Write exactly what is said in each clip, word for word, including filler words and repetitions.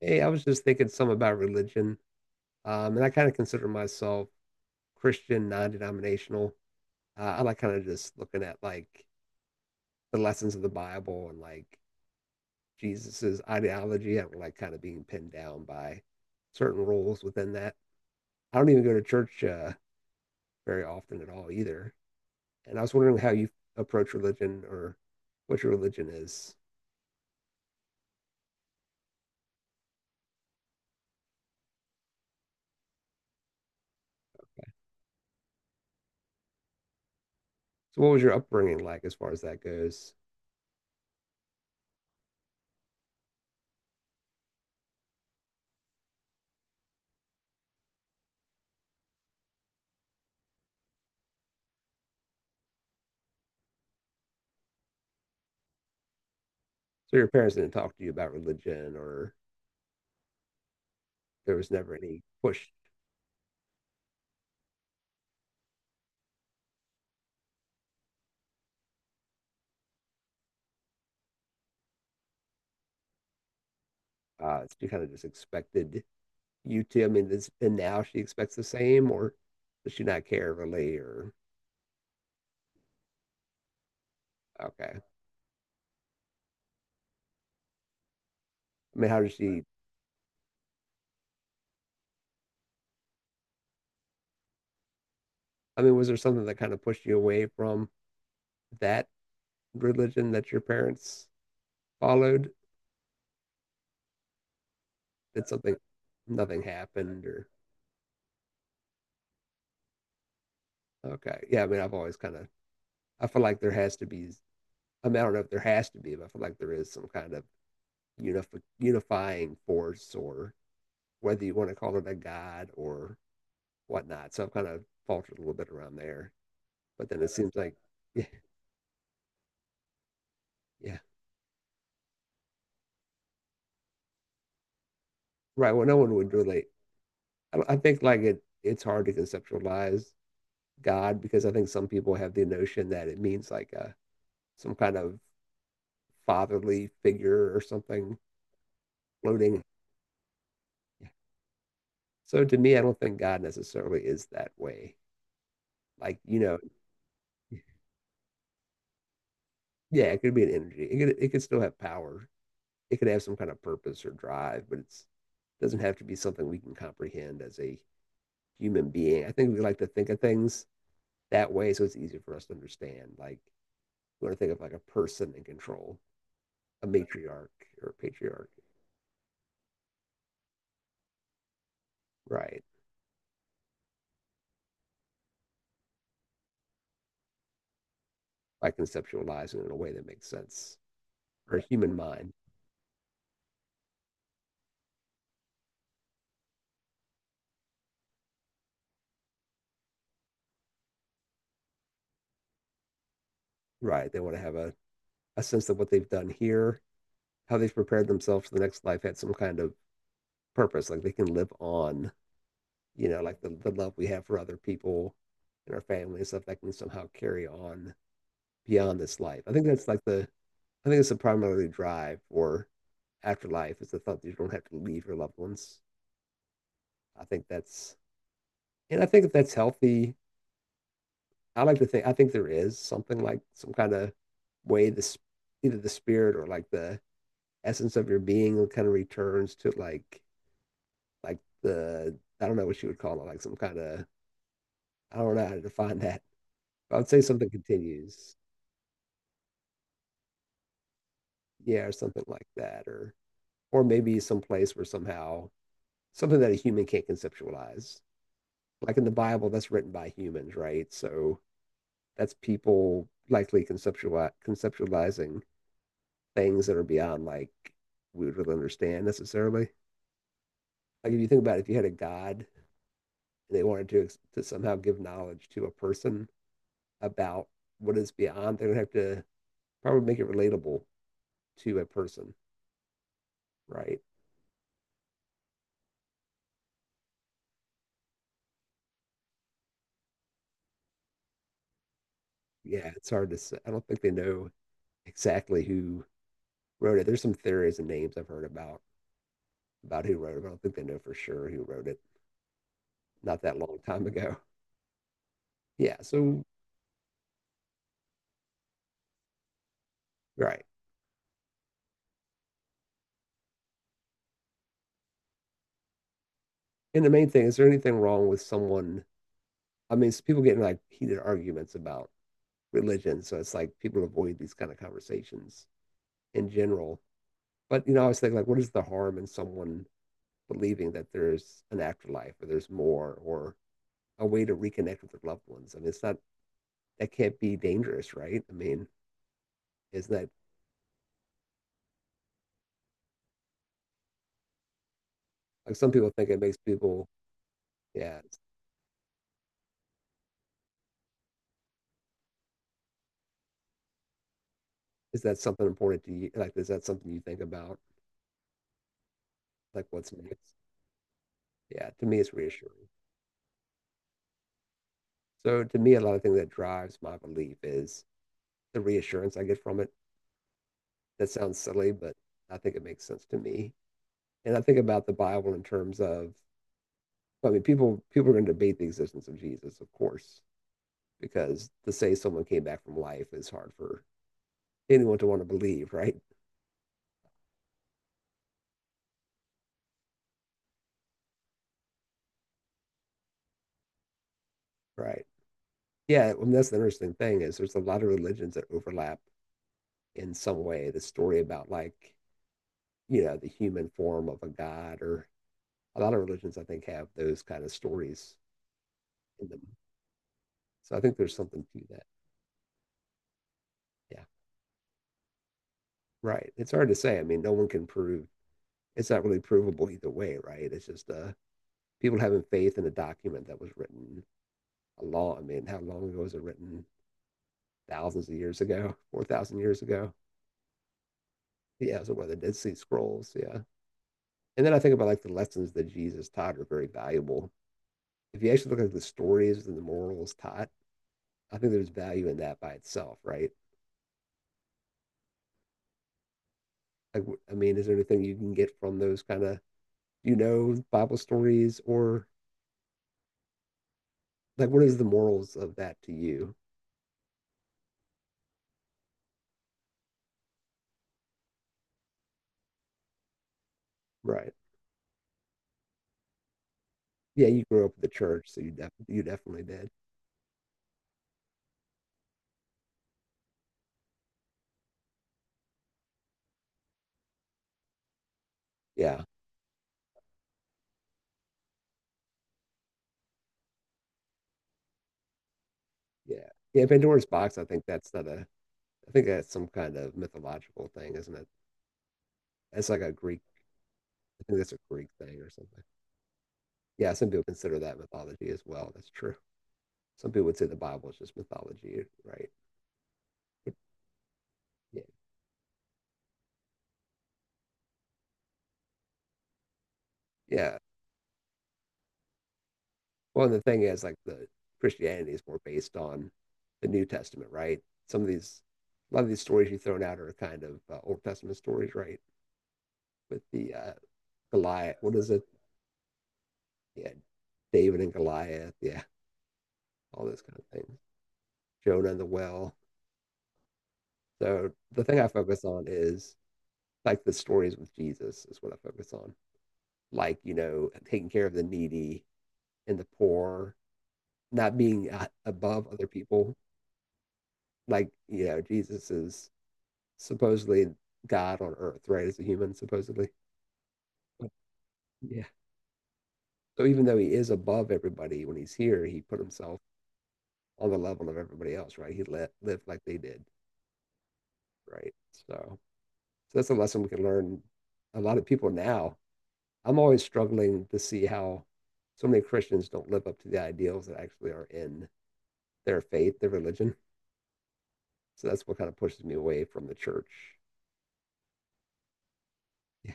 Hey, I was just thinking some about religion, um, and I kind of consider myself Christian, non-denominational. Uh, I like kind of just looking at like the lessons of the Bible and like Jesus's ideology. I don't like kind of being pinned down by certain rules within that. I don't even go to church uh, very often at all either. And I was wondering how you approach religion or what your religion is. So, what was your upbringing like as far as that goes? So, your parents didn't talk to you about religion, or there was never any push uh, she kind of just expected you to. I mean, this, and now she expects the same, or does she not care really? Or okay, I mean, how did she? I mean, was there something that kind of pushed you away from that religion that your parents followed? Did something, nothing happened, or okay, yeah. I mean, I've always kind of, I feel like there has to be. I mean, I don't know if there has to be, but I feel like there is some kind of unif- unifying force, or whether you want to call it a god or whatnot. So I've kind of faltered a little bit around there. But then it seems like, yeah, yeah, right. Well, no one would relate. I, I think like it, it's hard to conceptualize God because I think some people have the notion that it means like a, some kind of fatherly figure or something floating. Yeah. So to me, I don't think God necessarily is that way. Like, you know, yeah, it could be an energy. It could, it could still have power. It could have some kind of purpose or drive, but it's doesn't have to be something we can comprehend as a human being. I think we like to think of things that way, so it's easier for us to understand. Like we want to think of like a person in control, a matriarch or a patriarch, right? By conceptualizing in a way that makes sense or a human mind, right? They want to have a, a sense of what they've done here, how they've prepared themselves for the next life had some kind of purpose, like they can live on, you know, like the, the love we have for other people and our family and stuff that can somehow carry on beyond this life. I think that's like the I think it's a primary drive for afterlife is the thought that you don't have to leave your loved ones. I think that's, and I think if that's healthy, I like to think, I think there is something like some kind of way this, either the spirit or like the essence of your being kind of returns to like, like the, I don't know what you would call it, like some kind of, I don't know how to define that. I would say something continues. Yeah, or something like that. Or, or maybe some place where somehow something that a human can't conceptualize. Like in the Bible, that's written by humans, right? So that's people likely conceptuali conceptualizing things that are beyond like we would really understand necessarily. Like if you think about it, if you had a god and they wanted to to somehow give knowledge to a person about what is beyond, they would have to probably make it relatable to a person, right? Yeah, it's hard to say. I don't think they know exactly who wrote it. There's some theories and names I've heard about about who wrote it, but I don't think they know for sure who wrote it. Not that long time ago. Yeah, so right. And the main thing, is there anything wrong with someone? I mean, it's people getting like heated arguments about religion. So it's like people avoid these kind of conversations in general. But, you know, I was thinking, like, what is the harm in someone believing that there's an afterlife or there's more or a way to reconnect with their loved ones? I mean, it's not, that can't be dangerous, right? I mean, isn't that like some people think it makes people, yeah, is that something important to you? Like, is that something you think about? Like, what's next? Yeah, to me, it's reassuring. So to me, a lot of things that drives my belief is the reassurance I get from it. That sounds silly, but I think it makes sense to me. And I think about the Bible in terms of, I mean, people people are going to debate the existence of Jesus, of course, because to say someone came back from life is hard for anyone to want to believe, right? Right. Yeah, I mean, that's the interesting thing is there's a lot of religions that overlap in some way. The story about like, you know, the human form of a god or a lot of religions I think have those kind of stories in them. So I think there's something to that. Yeah, right. It's hard to say. I mean, no one can prove. It's not really provable either way, right? It's just uh, people having faith in a document that was written a long. I mean, how long ago was it written? Thousands of years ago, four thousand years ago. Yeah, so one of the Dead Sea Scrolls. Yeah, and then I think about like the lessons that Jesus taught are very valuable. If you actually look at the stories and the morals taught, I think there's value in that by itself, right? Like, I mean, is there anything you can get from those kind of you know Bible stories or like what is the morals of that to you? Right. Yeah, you grew up with the church, so you def- you definitely did. Yeah. Yeah. Yeah, Pandora's box, I think that's not a I think that's some kind of mythological thing, isn't it? It's like a Greek I think that's a Greek thing or something. Yeah, some people consider that mythology as well. That's true. Some people would say the Bible is just mythology, right? But yeah. Yeah. Well, and the thing is like the Christianity is more based on the New Testament, right? Some of these a lot of these stories you've thrown out are kind of uh, Old Testament stories, right? With the uh, Goliath. What is it? Yeah, David and Goliath. Yeah, all those kind of things. Jonah and the well. So the thing I focus on is like the stories with Jesus is what I focus on. Like you know, taking care of the needy and the poor, not being uh, above other people. Like you know, Jesus is supposedly God on earth, right? As a human, supposedly. But, yeah. So even though he is above everybody when he's here, he put himself on the level of everybody else, right? He let, lived like they did. Right. So, so that's a lesson we can learn. A lot of people now, I'm always struggling to see how so many Christians don't live up to the ideals that actually are in their faith, their religion. So that's what kind of pushes me away from the church. Yeah,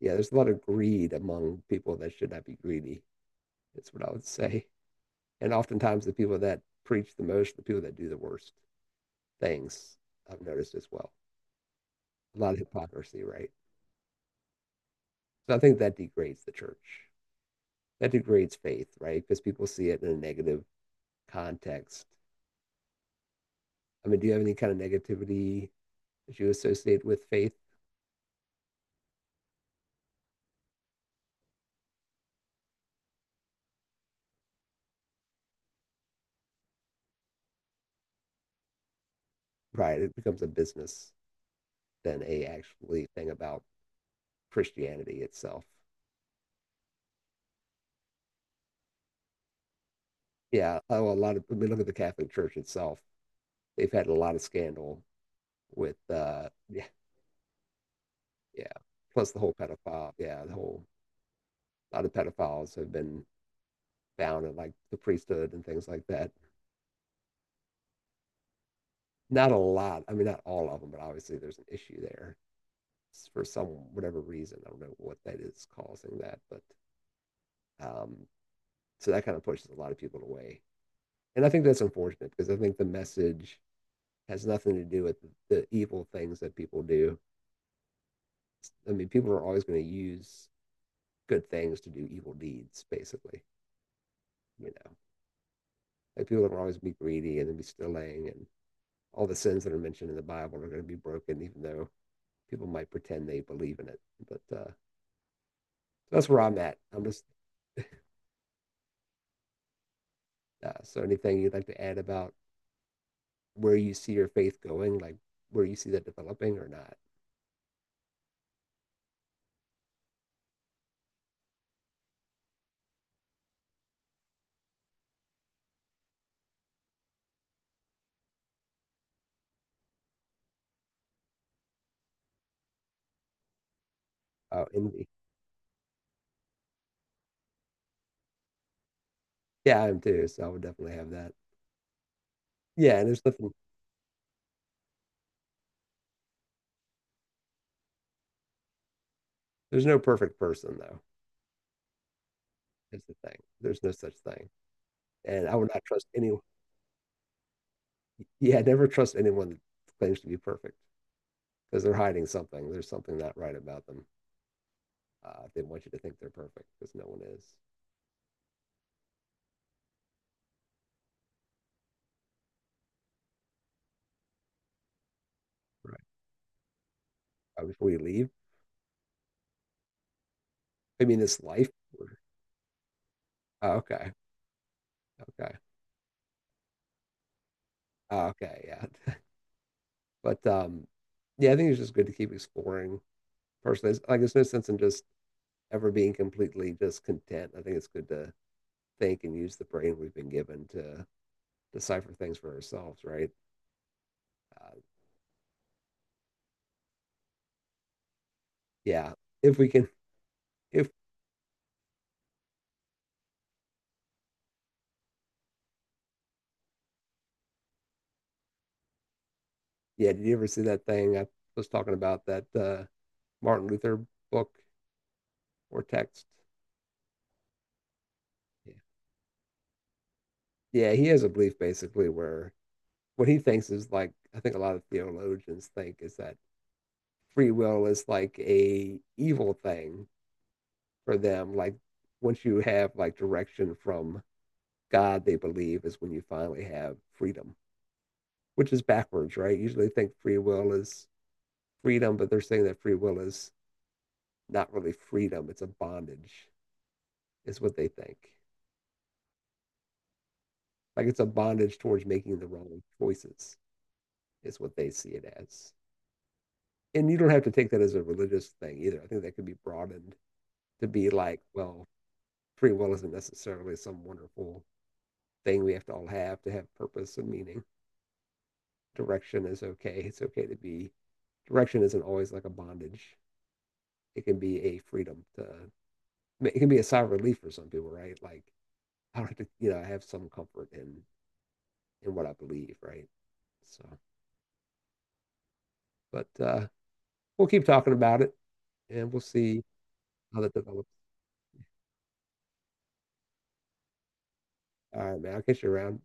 yeah there's a lot of greed among people that should not be greedy. That's what I would say. And oftentimes the people that preach the most, the people that do the worst things, I've noticed as well. A lot of hypocrisy, right? So I think that degrades the church. That degrades faith, right? Because people see it in a negative context. I mean, do you have any kind of negativity that you associate with faith? Right, it becomes a business than a actually thing about Christianity itself. Yeah, oh, a lot of. I mean, look at the Catholic Church itself. They've had a lot of scandal with, uh, yeah, yeah. Plus the whole pedophile, yeah, the whole a lot of pedophiles have been found in like the priesthood and things like that. Not a lot. I mean, not all of them, but obviously there's an issue there. For some whatever reason. I don't know what that is causing that, but um, so that kind of pushes a lot of people away. And I think that's unfortunate because I think the message has nothing to do with the evil things that people do. I mean, people are always going to use good things to do evil deeds, basically. You know, like people are always be greedy and then be stealing, and all the sins that are mentioned in the Bible are going to be broken, even though people might pretend they believe in it. But uh, so that's where I'm at. I'm just uh, so anything you'd like to add about where you see your faith going, like where you see that developing or not. Oh, and yeah, I'm too. So I would definitely have that. Yeah, and there's nothing. There's no perfect person though. That's the thing. There's no such thing. And I would not trust anyone. Yeah, never trust anyone that claims to be perfect because they're hiding something. There's something not right about them. Uh, they want you to think they're perfect because no one is. Right. Uh, before you leave, I mean, this life. Or- Oh, okay. Okay. Oh, okay. Yeah. But um, yeah, I think it's just good to keep exploring personally, it's- like there's no sense in just ever being completely just content. I think it's good to think and use the brain we've been given to decipher things for ourselves, right? Uh, yeah, if we can, if yeah, did you ever see that thing I was talking about that uh, Martin Luther book or text? Yeah, yeah, he has a belief basically where what he thinks is like I think a lot of theologians think is that free will is like a evil thing for them, like once you have like direction from God they believe is when you finally have freedom, which is backwards, right? Usually think free will is freedom, but they're saying that free will is not really freedom, it's a bondage, is what they think. Like it's a bondage towards making the wrong choices, is what they see it as. And you don't have to take that as a religious thing either. I think that could be broadened to be like, well, free will isn't necessarily some wonderful thing we have to all have to have purpose and meaning. Direction is okay. It's okay to be. Direction isn't always like a bondage. It can be a freedom to it can be a sigh of relief for some people, right? Like I don't have to, you know, I have some comfort in in what I believe, right? So, but uh, we'll keep talking about it, and we'll see how that develops. All right, man. I'll catch you around.